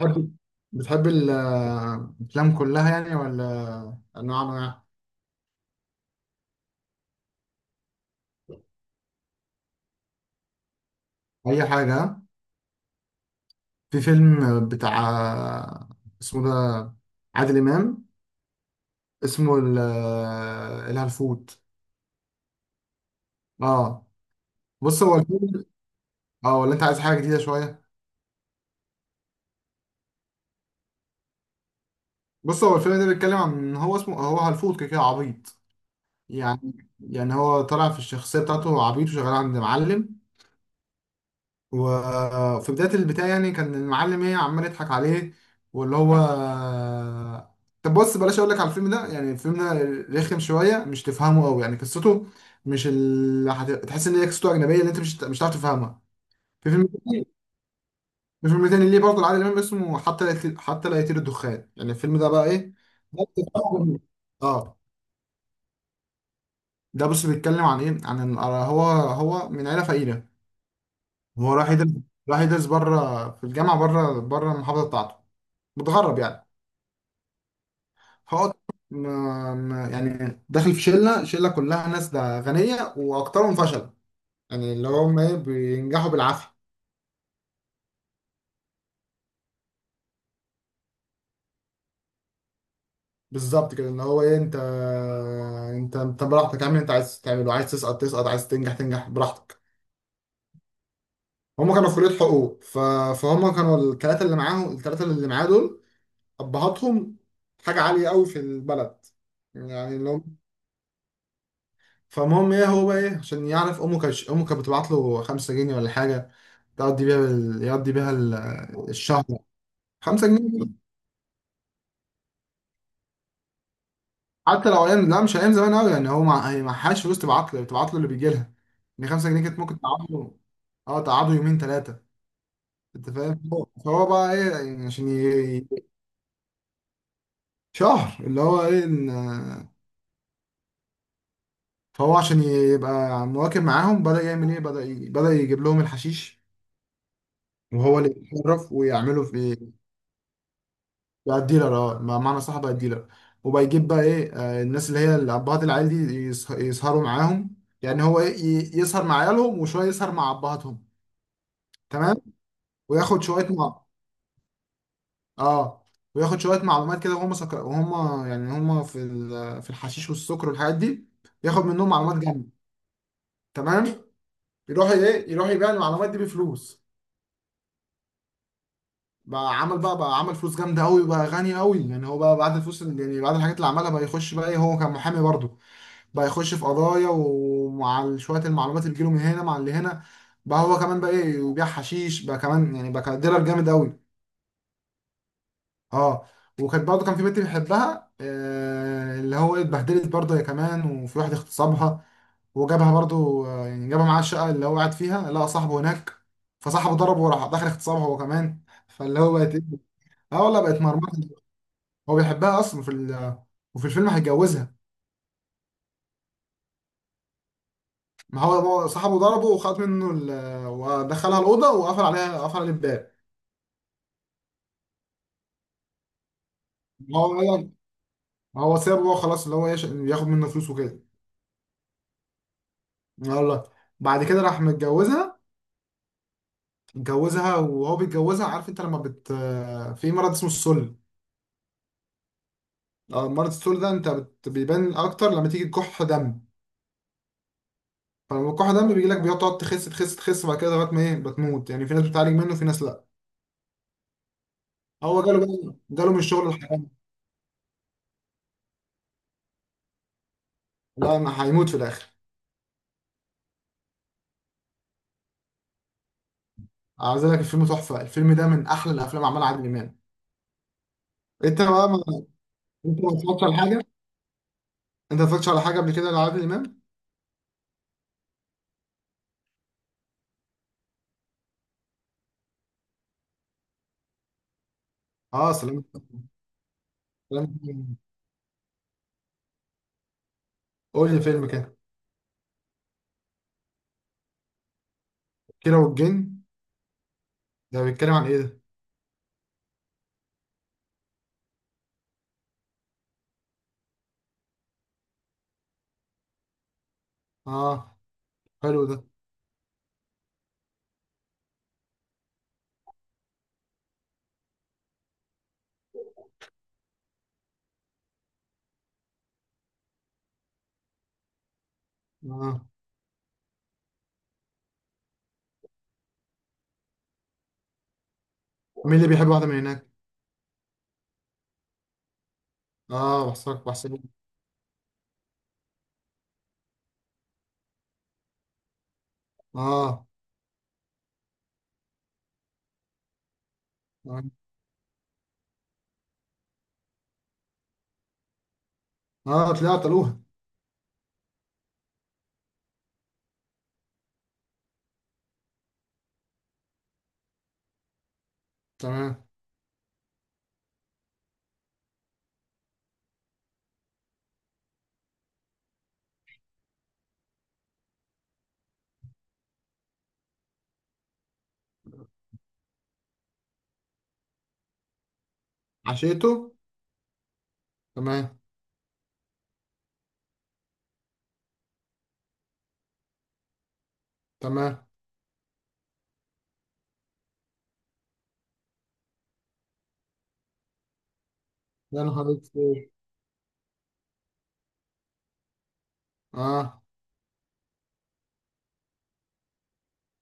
بتحب بتحب الأفلام كلها يعني، ولا أنواع أنواع؟ أي حاجة. في فيلم بتاع، اسمه ده، عادل إمام، اسمه الهلفوت. اه. بص، هو الفيلم اه ولا أنت عايز حاجة جديدة شوية؟ بص، هو الفيلم ده بيتكلم عن، هو اسمه، هو هلفوت كده كده، عبيط. يعني هو طالع في الشخصية بتاعته عبيط، وشغال عند معلم. وفي بداية البتاع يعني، كان المعلم ايه، عمال يضحك عليه. واللي هو طب بص، بلاش اقول لك على الفيلم ده، يعني الفيلم ده رخم شوية، مش تفهمه قوي يعني قصته. مش تحس ان هي قصته اجنبية، اللي انت مش هتعرف تفهمها. في فيلم تاني في فيلم تاني ليه برضه لعادل امام، اسمه حتى لا يطير الدخان. يعني الفيلم ده بقى ايه، ده بتفهمه. اه. ده بص، بيتكلم عن ايه، عن هو من عيلة فقيرة. هو راح يدرس بره في الجامعة، بره المحافظة بتاعته. متغرب يعني. فقلت ما يعني، داخل في شله كلها ناس ده غنيه، واكترهم فشل. يعني اللي هم ايه، بينجحوا بالعافيه. بالظبط كده، اللي هو ايه، انت براحتك، اعمل اللي انت عايز تعمله. عايز تسقط تسقط، عايز تنجح تنجح، براحتك. هم كانوا في كليه حقوق. فهم كانوا الثلاثه اللي معاه دول، ابهاتهم حاجه عاليه قوي في البلد، يعني اللي هم. فالمهم ايه، هو بقى ايه، عشان يعرف، امه كانت بتبعت له 5 جنيه ولا حاجه، تقضي بيها ال... يقضي بيها ال... الشهر. 5 جنيه. حتى لو ايام، لا مش ايام زمان قوي، يعني هي معهاش فلوس، تبعت له بتبعت له اللي بيجي لها. يعني 5 جنيه كانت ممكن تقعد له. اه، تقعده يومين ثلاثه. انت فاهم؟ فهو بقى ايه يعني، عشان شهر، اللي هو ايه فهو عشان يبقى مواكب معاهم، بدأ يعمل ايه، بدأ يجيب لهم الحشيش. وهو اللي يتصرف ويعمله في. بقى الديلر. اه، معنى صح، بقى الديلر. وبقى يجيب بقى ايه، الناس اللي هي ابهات العيال دي، يسهروا معاهم. يعني هو ايه، يسهر مع عيالهم، وشويه يسهر مع ابهاتهم. تمام. وياخد شويه مع اه وياخد شويه معلومات كده، وهم سكر وهم، يعني هم في في الحشيش والسكر والحاجات دي. ياخد منهم معلومات جامده. تمام. يروح ايه، يروح يبيع المعلومات دي بفلوس. بقى عمل بقى بقى عمل فلوس جامده قوي، بقى غني قوي يعني. هو بقى بعد الفلوس يعني بعد الحاجات اللي عملها، بقى يخش بقى ايه، هو كان محامي برضه. بقى يخش في قضايا، ومع شوية المعلومات اللي بتجيله من هنا مع اللي هنا، بقى هو كمان بقى ايه وبيع حشيش بقى كمان يعني، بقى كان ديلر جامد قوي. اه. وكانت برضه كان في بنت بيحبها، اللي هو إيه، اتبهدلت برضه هي كمان، وفي واحد اغتصبها. وجابها برضه، يعني جابها معاه الشقة اللي هو قاعد فيها، لقى صاحبه هناك. فصاحبه ضربه، وراح داخل اغتصبها هو كمان. فاللي هو بقت إيه؟ اه والله، بقت مرمطة. هو بيحبها اصلا وفي الفيلم هيتجوزها. ما هو صاحبه ضربه، وخد منه ودخلها الأوضة، وقفل عليها قفل عليه الباب. ما هو قال- ما هو سابه بقى خلاص، اللي هو ياخد منه فلوس وكده. والله، بعد كده راح متجوزها. اتجوزها، وهو بيتجوزها، عارف انت لما في مرض اسمه السل. آه، مرض السل ده، انت بيبان اكتر لما تيجي كح دم. فلما كح دم بيجي لك، تقعد تخس تخس تخس، وبعد كده لغايه ما ايه بتموت يعني. في ناس بتعالج منه وفي ناس لا. هو جاله من الشغل الحرام. لا، انا هيموت في الاخر. عايز أقول لك، الفيلم تحفه، الفيلم ده من احلى الافلام عملها عادل امام. انت بقى ما انت ما اتفرجتش على حاجه انت ما اتفرجتش على حاجه قبل كده لعادل امام. اه. سلام، سلام. قول لي فيلم كده. كيرة والجن. ده بيتكلم عن ايه ده؟ اه، حلو ده. اه، مين اللي بيحب واحده من هناك؟ اه، بحسك بحسك. اه، اه، اه، طلعت قالوها. تمام. عشيته. تمام، تمام. يا نهار اسود. اه.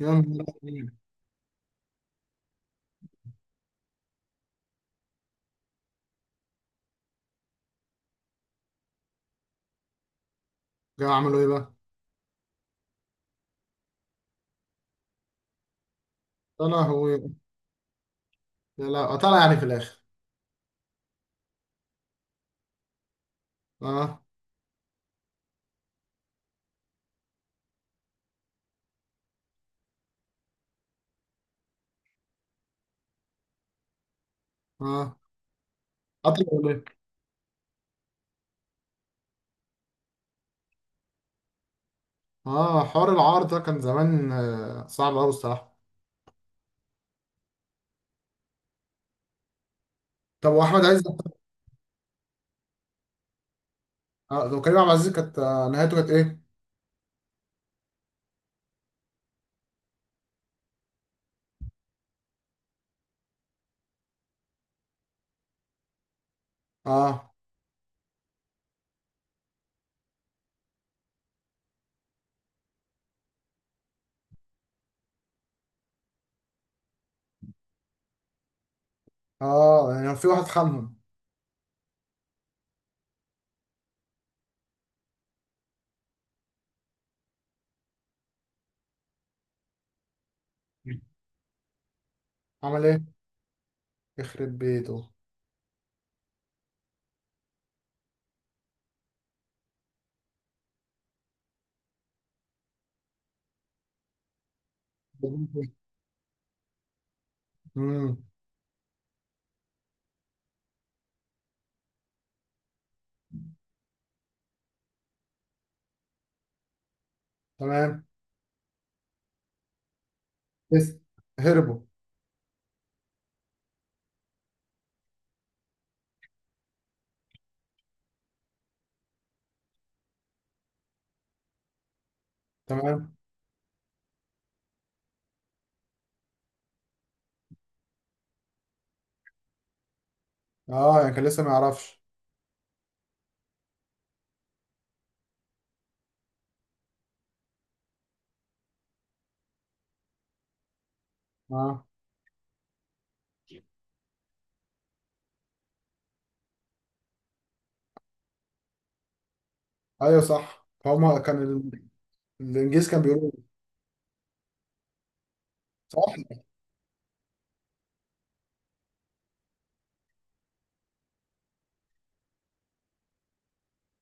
يا نهار اسود. جا عملوا ايه بقى؟ طلع هو. لا، لا، طلع يعني في الاخر. اه، اه. قتل. اه، حوار العار ده كان زمان، صعب قوي الصراحه. طب واحمد عز؟ آه، وكريم عبد العزيز كانت نهايته كانت ايه؟ اه. اه، يعني في واحد خانهم. عمل ايه؟ يخرب بيته. امم. تمام. لسه. هربوا. تمام. اه، يعني كان لسه ما يعرفش. اه، ايوه صح، فهم كان الانجليز كان بيقولوا. صح.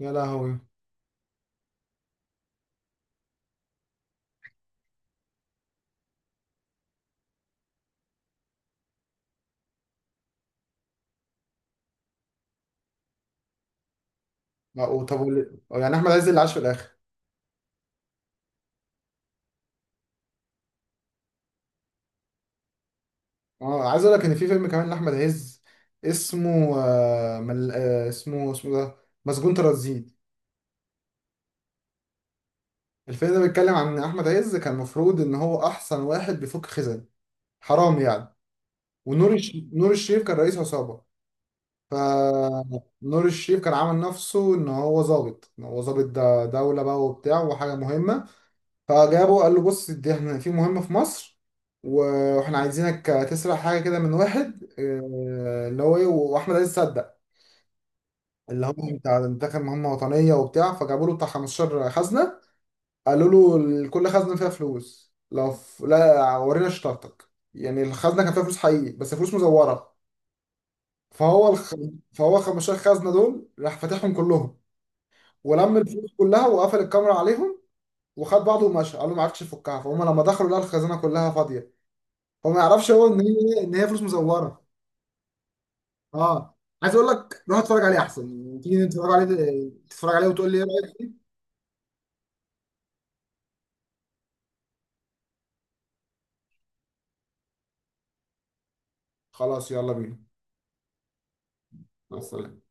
يا لهوي. لا، طب يعني احمد عز اللي عاش في الاخر؟ اه، عايز اقول لك ان في فيلم كمان لاحمد عز، اسمه آه مل... آه اسمه ده، مسجون ترانزيت. الفيلم ده بيتكلم عن ان احمد عز كان المفروض ان هو احسن واحد بيفك خزن. حرام يعني. ونور الش... نور الشريف كان رئيس عصابه. ف نور الشريف كان عامل نفسه ان هو ظابط، ده دوله بقى وبتاع وحاجه مهمه. فجابه، قال له بص، دي احنا في مهمه في مصر، واحنا عايزينك تسرق حاجه كده من واحد، اللي هو ايه، واحمد عز صدق. اللي هم بتاع دخل مهمة وطنية وبتاع، فجابوا له بتاع 15 خزنة. قالوا له، كل خزنة فيها فلوس، لا ورينا شطارتك يعني. الخزنة كان فيها فلوس حقيقي بس فلوس مزورة. فهو الخ... فهو 15 خزنة دول راح فاتحهم كلهم. ولم الفلوس كلها وقفل الكاميرا عليهم، وخد بعضه ومشى. قال له ما عرفتش يفكها، فهم لما دخلوا لقوا الخزنة كلها فاضية. هو ما يعرفش هو ان هي فلوس مزورة. اه. عايز اقول لك، روح اتفرج عليه احسن، تيجي نتفرج عليه، تتفرج عليه وتقول لي ايه رأيك. خلاص، يلا بينا. مع السلامة.